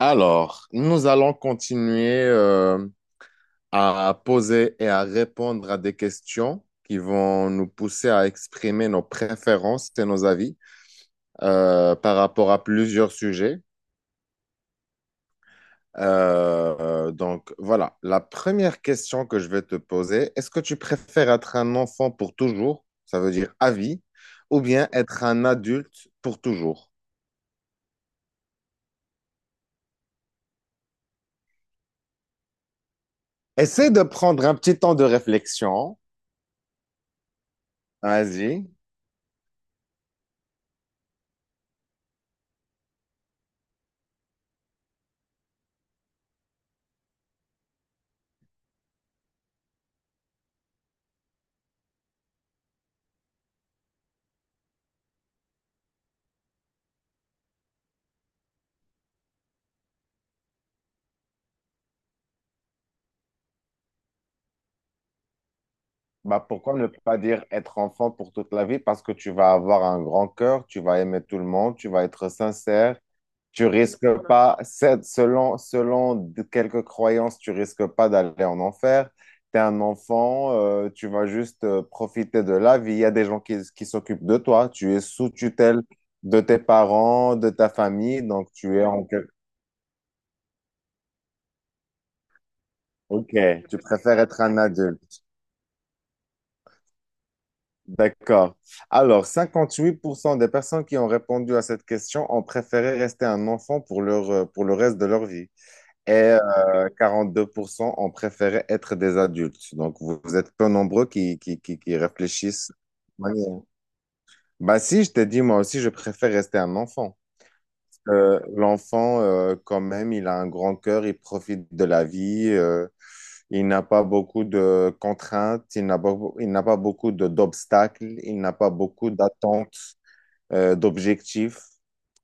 Alors, nous allons continuer à poser et à répondre à des questions qui vont nous pousser à exprimer nos préférences et nos avis par rapport à plusieurs sujets. Euh, donc voilà, la première question que je vais te poser, est-ce que tu préfères être un enfant pour toujours, ça veut dire à vie, ou bien être un adulte pour toujours? Essaie de prendre un petit temps de réflexion. Vas-y. Bah, pourquoi ne pas dire être enfant pour toute la vie? Parce que tu vas avoir un grand cœur, tu vas aimer tout le monde, tu vas être sincère, tu risques pas, selon quelques croyances, tu risques pas d'aller en enfer. Tu es un enfant, tu vas juste profiter de la vie. Il y a des gens qui s'occupent de toi, tu es sous tutelle de tes parents, de ta famille, donc tu es en... Ok, tu préfères être un adulte. D'accord. Alors, 58% des personnes qui ont répondu à cette question ont préféré rester un enfant pour leur, pour le reste de leur vie. Et 42% ont préféré être des adultes. Donc, vous êtes peu nombreux qui réfléchissent. Ouais. Bah si, je t'ai dit, moi aussi, je préfère rester un enfant. L'enfant, quand même, il a un grand cœur, il profite de la vie, il n'a pas beaucoup de contraintes, il n'a pas beaucoup d'obstacles, il n'a pas beaucoup d'attentes d'objectifs.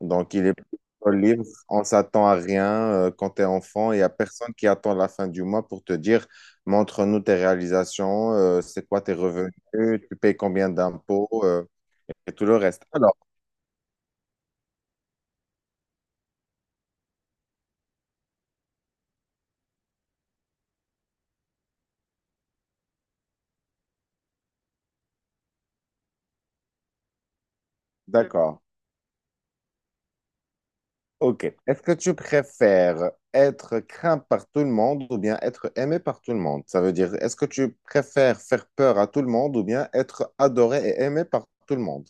Donc, il est plutôt libre. On s'attend à rien quand tu es enfant. Il n'y a personne qui attend la fin du mois pour te dire, montre-nous tes réalisations, c'est quoi tes revenus, tu payes combien d'impôts, et tout le reste. Alors, mm, d'accord. Ok. Est-ce que tu préfères être craint par tout le monde ou bien être aimé par tout le monde? Ça veut dire, est-ce que tu préfères faire peur à tout le monde ou bien être adoré et aimé par tout le monde?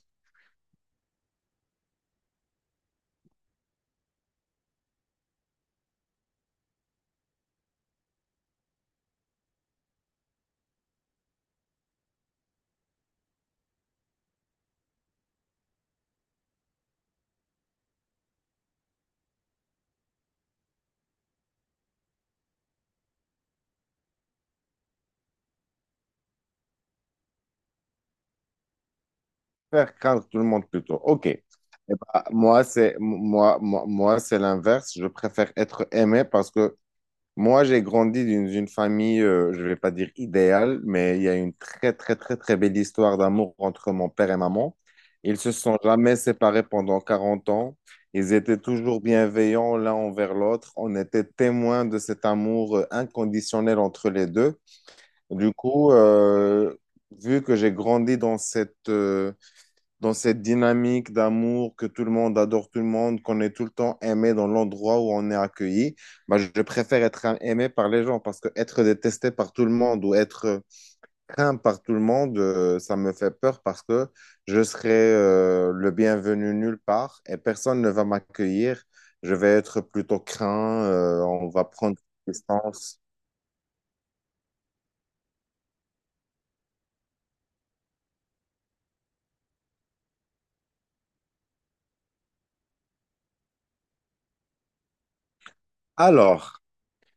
Faire craindre tout le monde plutôt. Ok. Eh ben, moi, c'est l'inverse. Je préfère être aimé parce que moi, j'ai grandi d'une famille, je vais pas dire idéale, mais il y a une très, très, très, très belle histoire d'amour entre mon père et maman. Ils se sont jamais séparés pendant 40 ans. Ils étaient toujours bienveillants l'un envers l'autre. On était témoins de cet amour inconditionnel entre les deux. Du coup, vu que j'ai grandi dans cette dynamique d'amour, que tout le monde adore tout le monde, qu'on est tout le temps aimé dans l'endroit où on est accueilli, bah, je préfère être aimé par les gens parce que être détesté par tout le monde ou être craint par tout le monde, ça me fait peur parce que je serai le bienvenu nulle part et personne ne va m'accueillir. Je vais être plutôt craint, on va prendre distance. Alors,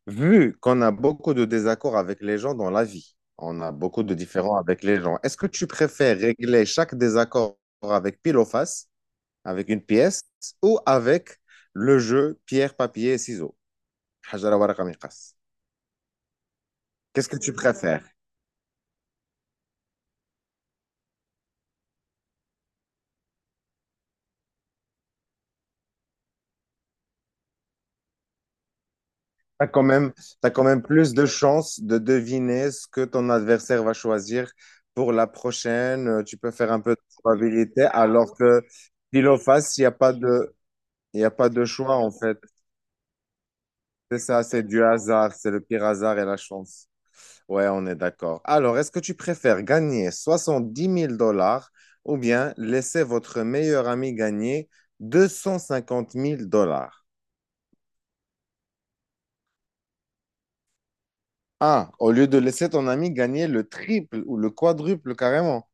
vu qu'on a beaucoup de désaccords avec les gens dans la vie, on a beaucoup de différends avec les gens, est-ce que tu préfères régler chaque désaccord avec pile ou face, avec une pièce, ou avec le jeu pierre, papier, ciseaux? Hajara, waraka, miqas. Qu'est-ce que tu préfères? T'as quand même, t'as quand même plus de chances de deviner ce que ton adversaire va choisir pour la prochaine. Tu peux faire un peu de probabilité, alors que pile ou face, il n'y a pas de choix, en fait. C'est ça, c'est du hasard, c'est le pire hasard et la chance. Ouais, on est d'accord. Alors, est-ce que tu préfères gagner 70 000 $ ou bien laisser votre meilleur ami gagner deux cent cinquante mille dollars? Ah, au lieu de laisser ton ami gagner le triple ou le quadruple carrément.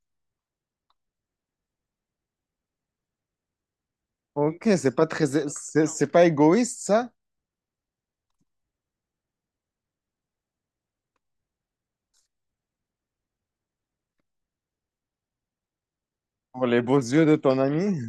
Ok, c'est pas égoïste ça? Pour les beaux yeux de ton ami?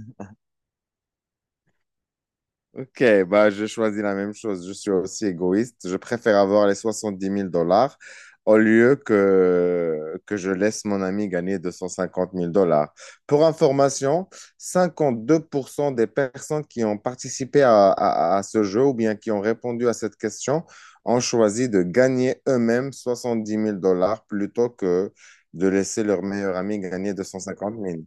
Ok, bah, je choisis la même chose. Je suis aussi égoïste. Je préfère avoir les 70 000 $ au lieu que je laisse mon ami gagner deux cent cinquante mille dollars. Pour information, 52% des personnes qui ont participé à ce jeu ou bien qui ont répondu à cette question ont choisi de gagner eux-mêmes 70 000 $ plutôt que de laisser leur meilleur ami gagner deux cent cinquante mille.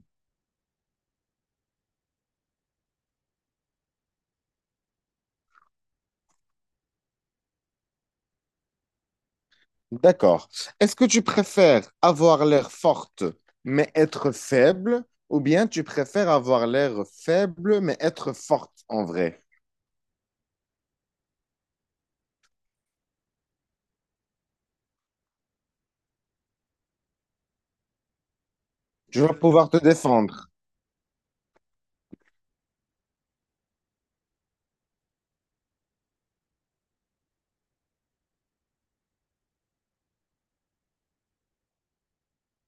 D'accord. Est-ce que tu préfères avoir l'air forte mais être faible ou bien tu préfères avoir l'air faible mais être forte en vrai? Tu vas pouvoir te défendre.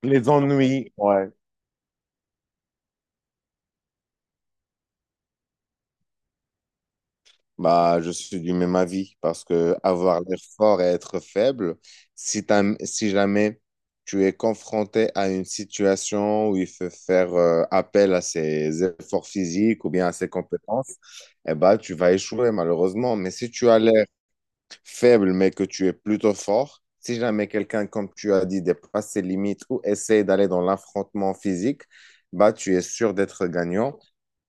Les ennuis, ouais. Bah, je suis du même avis parce que avoir l'air fort et être faible, si si jamais tu es confronté à une situation où il faut faire appel à ses efforts physiques ou bien à ses compétences, eh bah, tu vas échouer malheureusement. Mais si tu as l'air faible, mais que tu es plutôt fort. Si jamais quelqu'un, comme tu as dit, dépasse ses limites ou essaie d'aller dans l'affrontement physique, bah, tu es sûr d'être gagnant.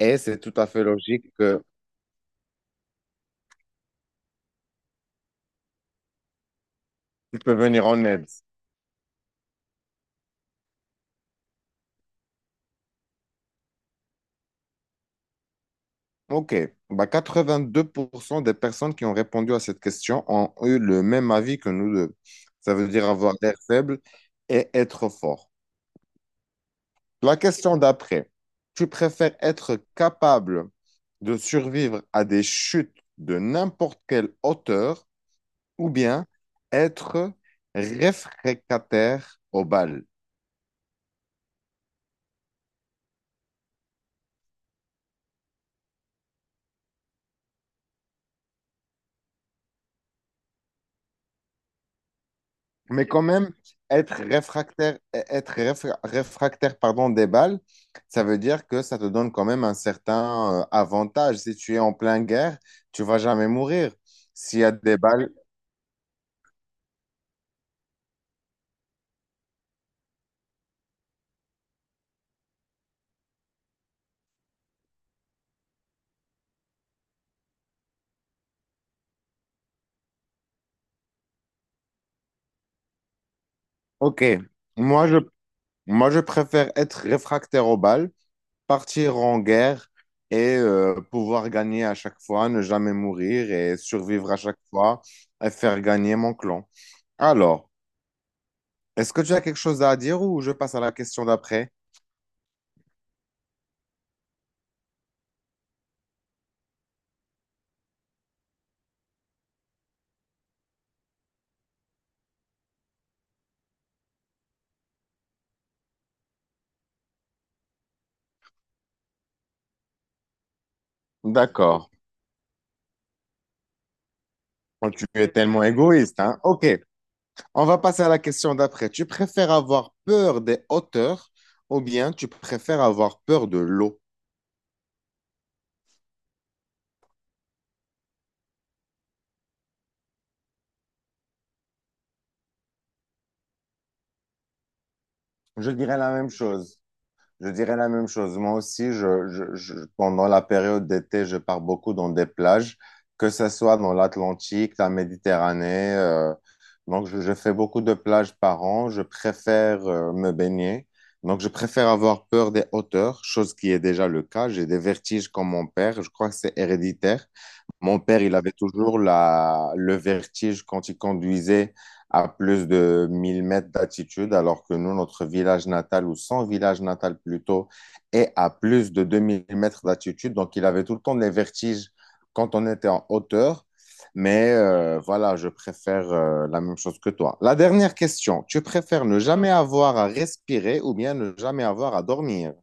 Et c'est tout à fait logique que tu peux venir en aide. OK. Bah, 82% des personnes qui ont répondu à cette question ont eu le même avis que nous deux. Ça veut dire avoir l'air faible et être fort. La question d'après, tu préfères être capable de survivre à des chutes de n'importe quelle hauteur ou bien être réfractaire aux balles? Mais quand même, être réfractaire, être réfractaire, pardon, des balles, ça veut dire que ça te donne quand même un certain avantage. Si tu es en pleine guerre, tu vas jamais mourir. S'il y a des balles, ok. Moi, je, moi, je préfère être réfractaire aux balles partir en guerre et pouvoir gagner à chaque fois, ne jamais mourir et survivre à chaque fois et faire gagner mon clan. Alors, est-ce que tu as quelque chose à dire ou je passe à la question d'après? D'accord. Oh, tu es tellement égoïste, hein? Ok, on va passer à la question d'après. Tu préfères avoir peur des hauteurs ou bien tu préfères avoir peur de l'eau? Je dirais la même chose. Je dirais la même chose. Moi aussi, pendant la période d'été, je pars beaucoup dans des plages, que ce soit dans l'Atlantique, la Méditerranée. Donc, je fais beaucoup de plages par an. Je préfère me baigner. Donc, je préfère avoir peur des hauteurs, chose qui est déjà le cas. J'ai des vertiges comme mon père. Je crois que c'est héréditaire. Mon père, il avait toujours la, le vertige quand il conduisait à plus de 1 000 mètres d'altitude, alors que nous, notre village natal, ou son village natal plutôt, est à plus de 2 000 mètres d'altitude. Donc, il avait tout le temps des vertiges quand on était en hauteur. Mais voilà, je préfère la même chose que toi. La dernière question, tu préfères ne jamais avoir à respirer ou bien ne jamais avoir à dormir?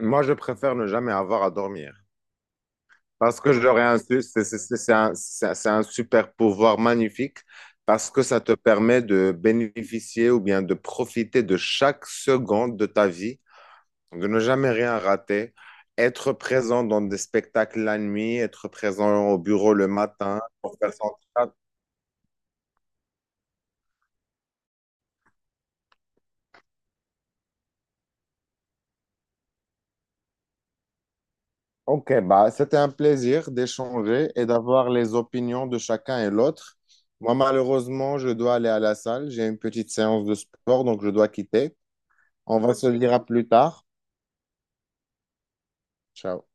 Moi, je préfère ne jamais avoir à dormir. Parce que je leur ai insu- c'est un super pouvoir magnifique parce que ça te permet de bénéficier ou bien de profiter de chaque seconde de ta vie, de ne jamais rien rater, être présent dans des spectacles la nuit, être présent au bureau le matin pour faire son travail. Ok, bah, c'était un plaisir d'échanger et d'avoir les opinions de chacun et l'autre. Moi, malheureusement, je dois aller à la salle. J'ai une petite séance de sport, donc je dois quitter. On va se dire à plus tard. Ciao.